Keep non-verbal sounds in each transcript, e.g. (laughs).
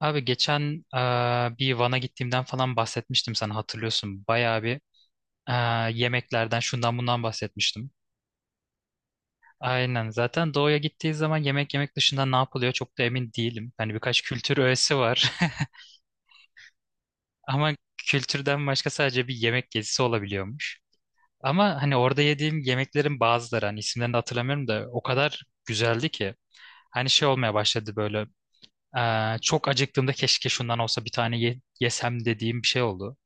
Abi geçen bir Van'a gittiğimden falan bahsetmiştim sana, hatırlıyorsun. Bayağı bir e, yemeklerden şundan bundan bahsetmiştim. Aynen, zaten doğuya gittiği zaman yemek yemek dışında ne yapılıyor çok da emin değilim. Hani birkaç kültür öğesi var. (laughs) Ama kültürden başka sadece bir yemek gezisi olabiliyormuş. Ama hani orada yediğim yemeklerin bazıları, hani isimlerini de hatırlamıyorum da, o kadar güzeldi ki. Hani şey olmaya başladı böyle, çok acıktığımda keşke şundan olsa bir tane yesem dediğim bir şey oldu.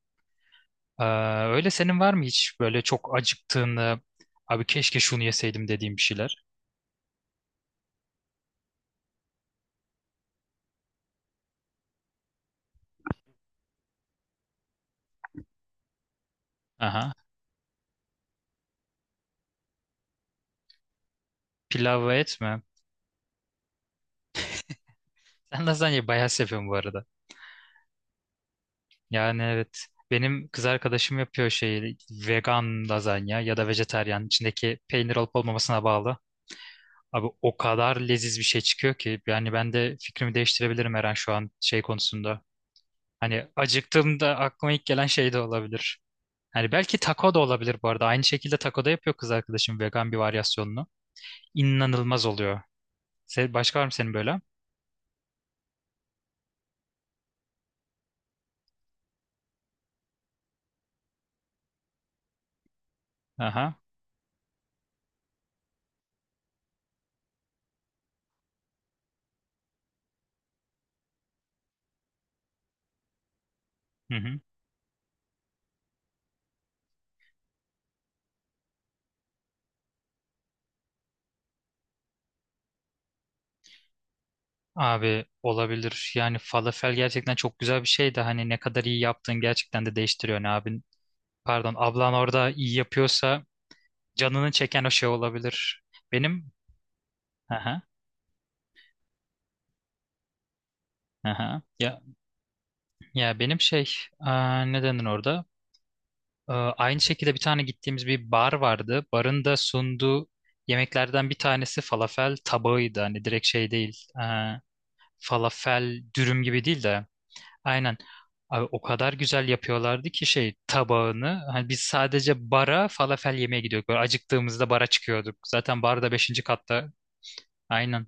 Ee, Öyle senin var mı hiç böyle çok acıktığını, abi keşke şunu yeseydim dediğim bir şeyler? Aha. Pilav ve et mi? Sen lazanyayı bayağı seviyorum bu arada. Yani evet. Benim kız arkadaşım yapıyor şey, vegan lazanya ya da vejetaryen, içindeki peynir olup olmamasına bağlı. Abi o kadar leziz bir şey çıkıyor ki, yani ben de fikrimi değiştirebilirim her an şu an şey konusunda. Hani acıktığımda aklıma ilk gelen şey de olabilir. Hani belki taco da olabilir bu arada. Aynı şekilde taco da yapıyor kız arkadaşım, vegan bir varyasyonunu. İnanılmaz oluyor. Başka var mı senin böyle? Aha. Hı hı. Abi olabilir. Yani falafel gerçekten çok güzel bir şey de, hani ne kadar iyi yaptığın gerçekten de değiştiriyor ne abin. Pardon, ablan orada iyi yapıyorsa canını çeken o şey olabilir. Benim aha, aha. Ya ya benim şey, ne denir orada? Aynı şekilde bir tane gittiğimiz bir bar vardı. Barın da sunduğu yemeklerden bir tanesi falafel tabağıydı. Hani direkt şey değil, falafel dürüm gibi değil de. Aynen. Abi o kadar güzel yapıyorlardı ki şey tabağını. Hani biz sadece bara falafel yemeye gidiyorduk. Böyle acıktığımızda bara çıkıyorduk. Zaten bar da beşinci katta. Aynen.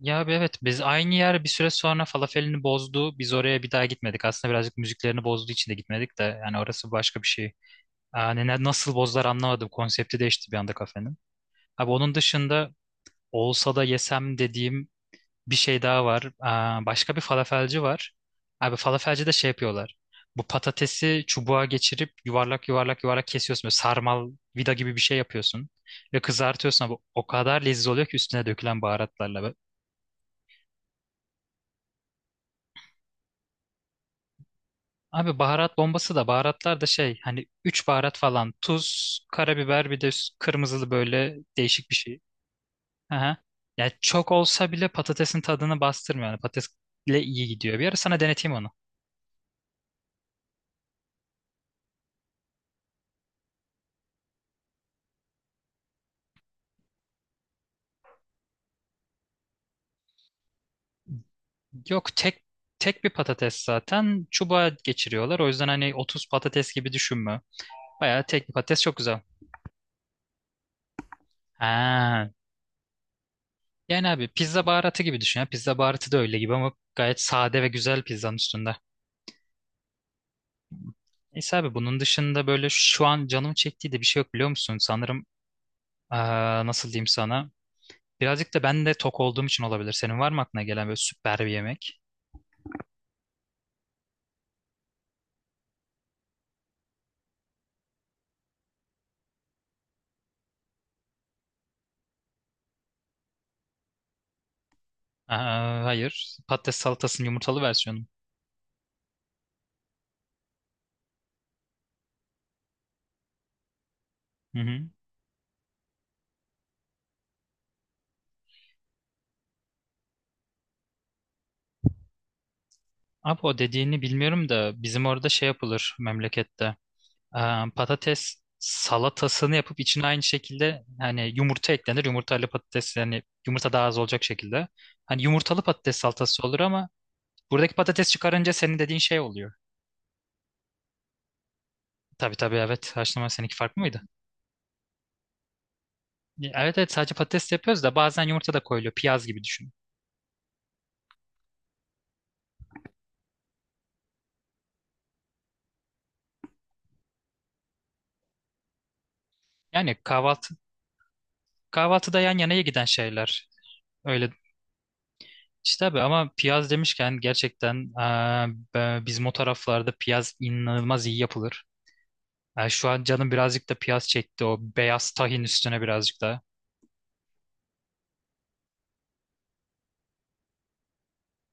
Ya abi evet, biz aynı yer bir süre sonra falafelini bozdu. Biz oraya bir daha gitmedik. Aslında birazcık müziklerini bozduğu için de gitmedik de. Yani orası başka bir şey. Yani nasıl bozdular anlamadım. Konsepti değişti bir anda kafenin. Abi onun dışında olsa da yesem dediğim bir şey daha var. Başka bir falafelci var. Abi falafelci de şey yapıyorlar. Bu patatesi çubuğa geçirip yuvarlak yuvarlak yuvarlak kesiyorsun. Böyle sarmal, vida gibi bir şey yapıyorsun. Ve kızartıyorsun abi. O kadar lezzetli oluyor ki üstüne dökülen baharatlarla. Abi baharat bombası da, baharatlar da şey, hani 3 baharat falan. Tuz, karabiber, bir de kırmızılı böyle değişik bir şey. Aha. Yani çok olsa bile patatesin tadını bastırmıyor. Yani patatesle iyi gidiyor. Bir ara sana deneteyim onu. Yok, tek tek bir patates zaten çubuğa geçiriyorlar. O yüzden hani 30 patates gibi düşünme. Bayağı tek bir patates, çok güzel. Ha. Yani abi pizza baharatı gibi düşün ya. Pizza baharatı da öyle gibi ama gayet sade ve güzel pizzanın üstünde. Neyse abi, bunun dışında böyle şu an canım çektiği de bir şey yok, biliyor musun? Sanırım eee, nasıl diyeyim sana? Birazcık da ben de tok olduğum için olabilir. Senin var mı aklına gelen böyle süper bir yemek? Hayır. Patates salatasının yumurtalı versiyonu. Hı hı. Abi o dediğini bilmiyorum da bizim orada şey yapılır memlekette. Ee, Patates salatasını yapıp içine aynı şekilde hani yumurta eklenir. Yumurtalı patates, yani yumurta daha az olacak şekilde. Hani yumurtalı patates salatası olur ama buradaki patates çıkarınca senin dediğin şey oluyor. Tabii tabii, evet, haşlama. Seninki farklı mıydı? Evet, evet, sadece patates yapıyoruz da bazen yumurta da koyuluyor. Piyaz gibi düşün. Yani kahvaltıda yan yanaya giden şeyler. Öyle. İşte abi, ama piyaz demişken gerçekten bizim o taraflarda piyaz inanılmaz iyi yapılır. Yani şu an canım birazcık da piyaz çekti, o beyaz tahin üstüne birazcık da.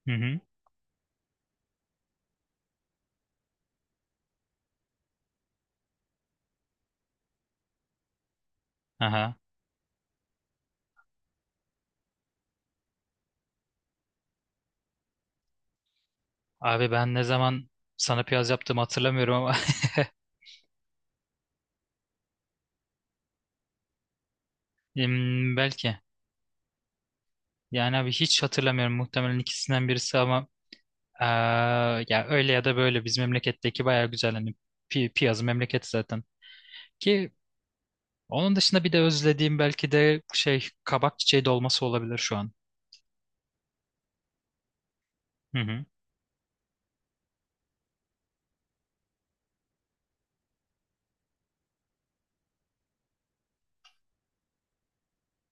Hı hı. Aha. Abi ben ne zaman sana piyaz yaptığımı hatırlamıyorum ama (laughs) belki. Yani abi hiç hatırlamıyorum, muhtemelen ikisinden birisi ama eee, ya öyle ya da böyle bizim memleketteki bayağı güzel, hani piyazı memleket zaten. Ki onun dışında bir de özlediğim belki de şey, kabak çiçeği dolması olabilir şu an. Hı hı.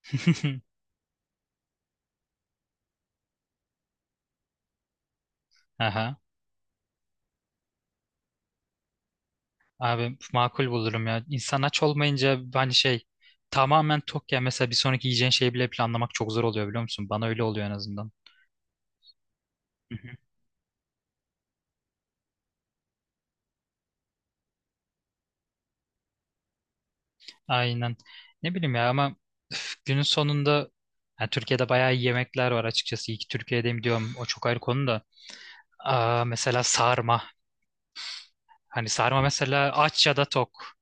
(laughs) Aha. Abi makul bulurum ya. İnsan aç olmayınca hani şey, tamamen tok ya, mesela bir sonraki yiyeceğin şeyi bile planlamak çok zor oluyor, biliyor musun? Bana öyle oluyor en azından. Hı hı. Aynen. Ne bileyim ya, ama üf, günün sonunda yani Türkiye'de bayağı iyi yemekler var açıkçası. İyi ki Türkiye'deyim diyorum. O çok ayrı konu da. Mesela sarma. Hani sarma mesela, aç ya da tok.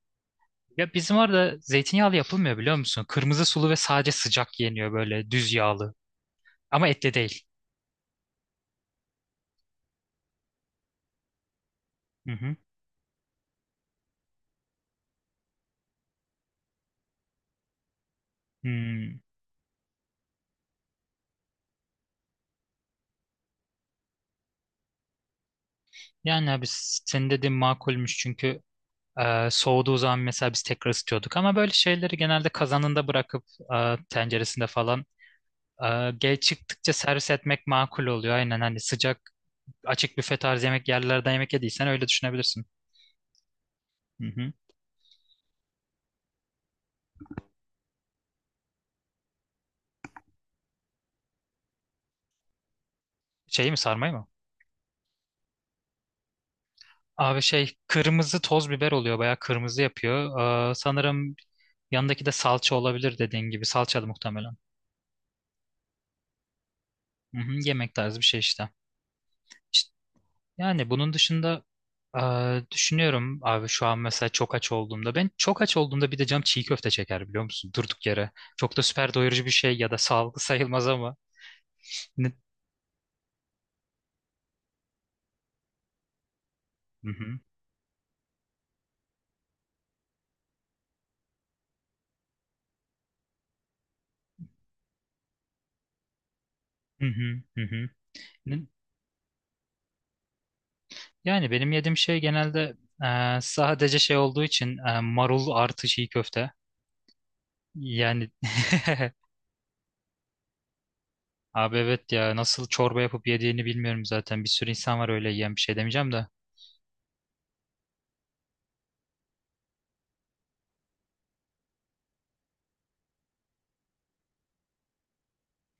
Ya bizim orada zeytinyağlı yapılmıyor, biliyor musun? Kırmızı sulu ve sadece sıcak yeniyor, böyle düz yağlı. Ama etli değil. Hmm. Yani abi senin dediğin makulmüş çünkü soğuduğu zaman mesela biz tekrar ısıtıyorduk ama böyle şeyleri genelde kazanında bırakıp tenceresinde falan geç çıktıkça servis etmek makul oluyor. Aynen, hani sıcak açık büfe tarzı yemek yerlerden yemek yediysen öyle düşünebilirsin. Hı hı. Şey mi, sarmayı mı? Abi şey, kırmızı toz biber oluyor, bayağı kırmızı yapıyor. Sanırım yanındaki de salça olabilir, dediğin gibi salçalı muhtemelen. Hı hı. Yemek tarzı bir şey işte. Yani bunun dışında düşünüyorum abi, şu an mesela çok aç olduğumda, ben çok aç olduğumda bir de cam çiğ köfte çeker, biliyor musun? Durduk yere. Çok da süper doyurucu bir şey ya da sağlıklı sayılmaz ama. Ne- Hı hı, hı hı, hı hı. Ne- Yani benim yediğim şey genelde sadece şey olduğu için marul artı çiğ köfte. Yani (laughs) abi evet ya, nasıl çorba yapıp yediğini bilmiyorum zaten. Bir sürü insan var öyle yiyen, bir şey demeyeceğim de.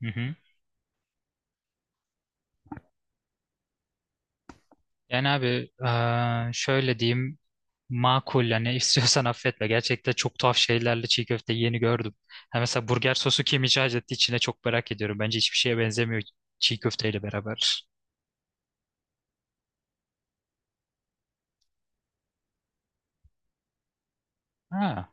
Hı hı. Yani abi şöyle diyeyim. Makul, yani istiyorsan affetme. Gerçekten çok tuhaf şeylerle çiğ köfte yeni gördüm. Ha, mesela burger sosu kim icat etti içine, çok merak ediyorum. Bence hiçbir şeye benzemiyor çiğ köfteyle beraber. Ha.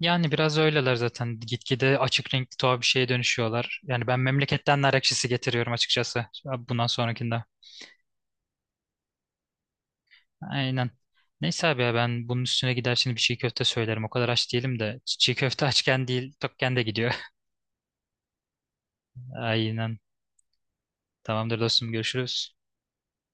Yani biraz öyleler zaten. Gitgide açık renkli tuhaf bir şeye dönüşüyorlar. Yani ben memleketten nar ekşisi getiriyorum açıkçası. Abi bundan sonrakinde. Aynen. Neyse abi, ya ben bunun üstüne gider şimdi bir çiğ köfte söylerim. O kadar aç değilim de. Çiğ köfte açken değil, tokken de gidiyor. (laughs) Aynen. Tamamdır dostum, görüşürüz.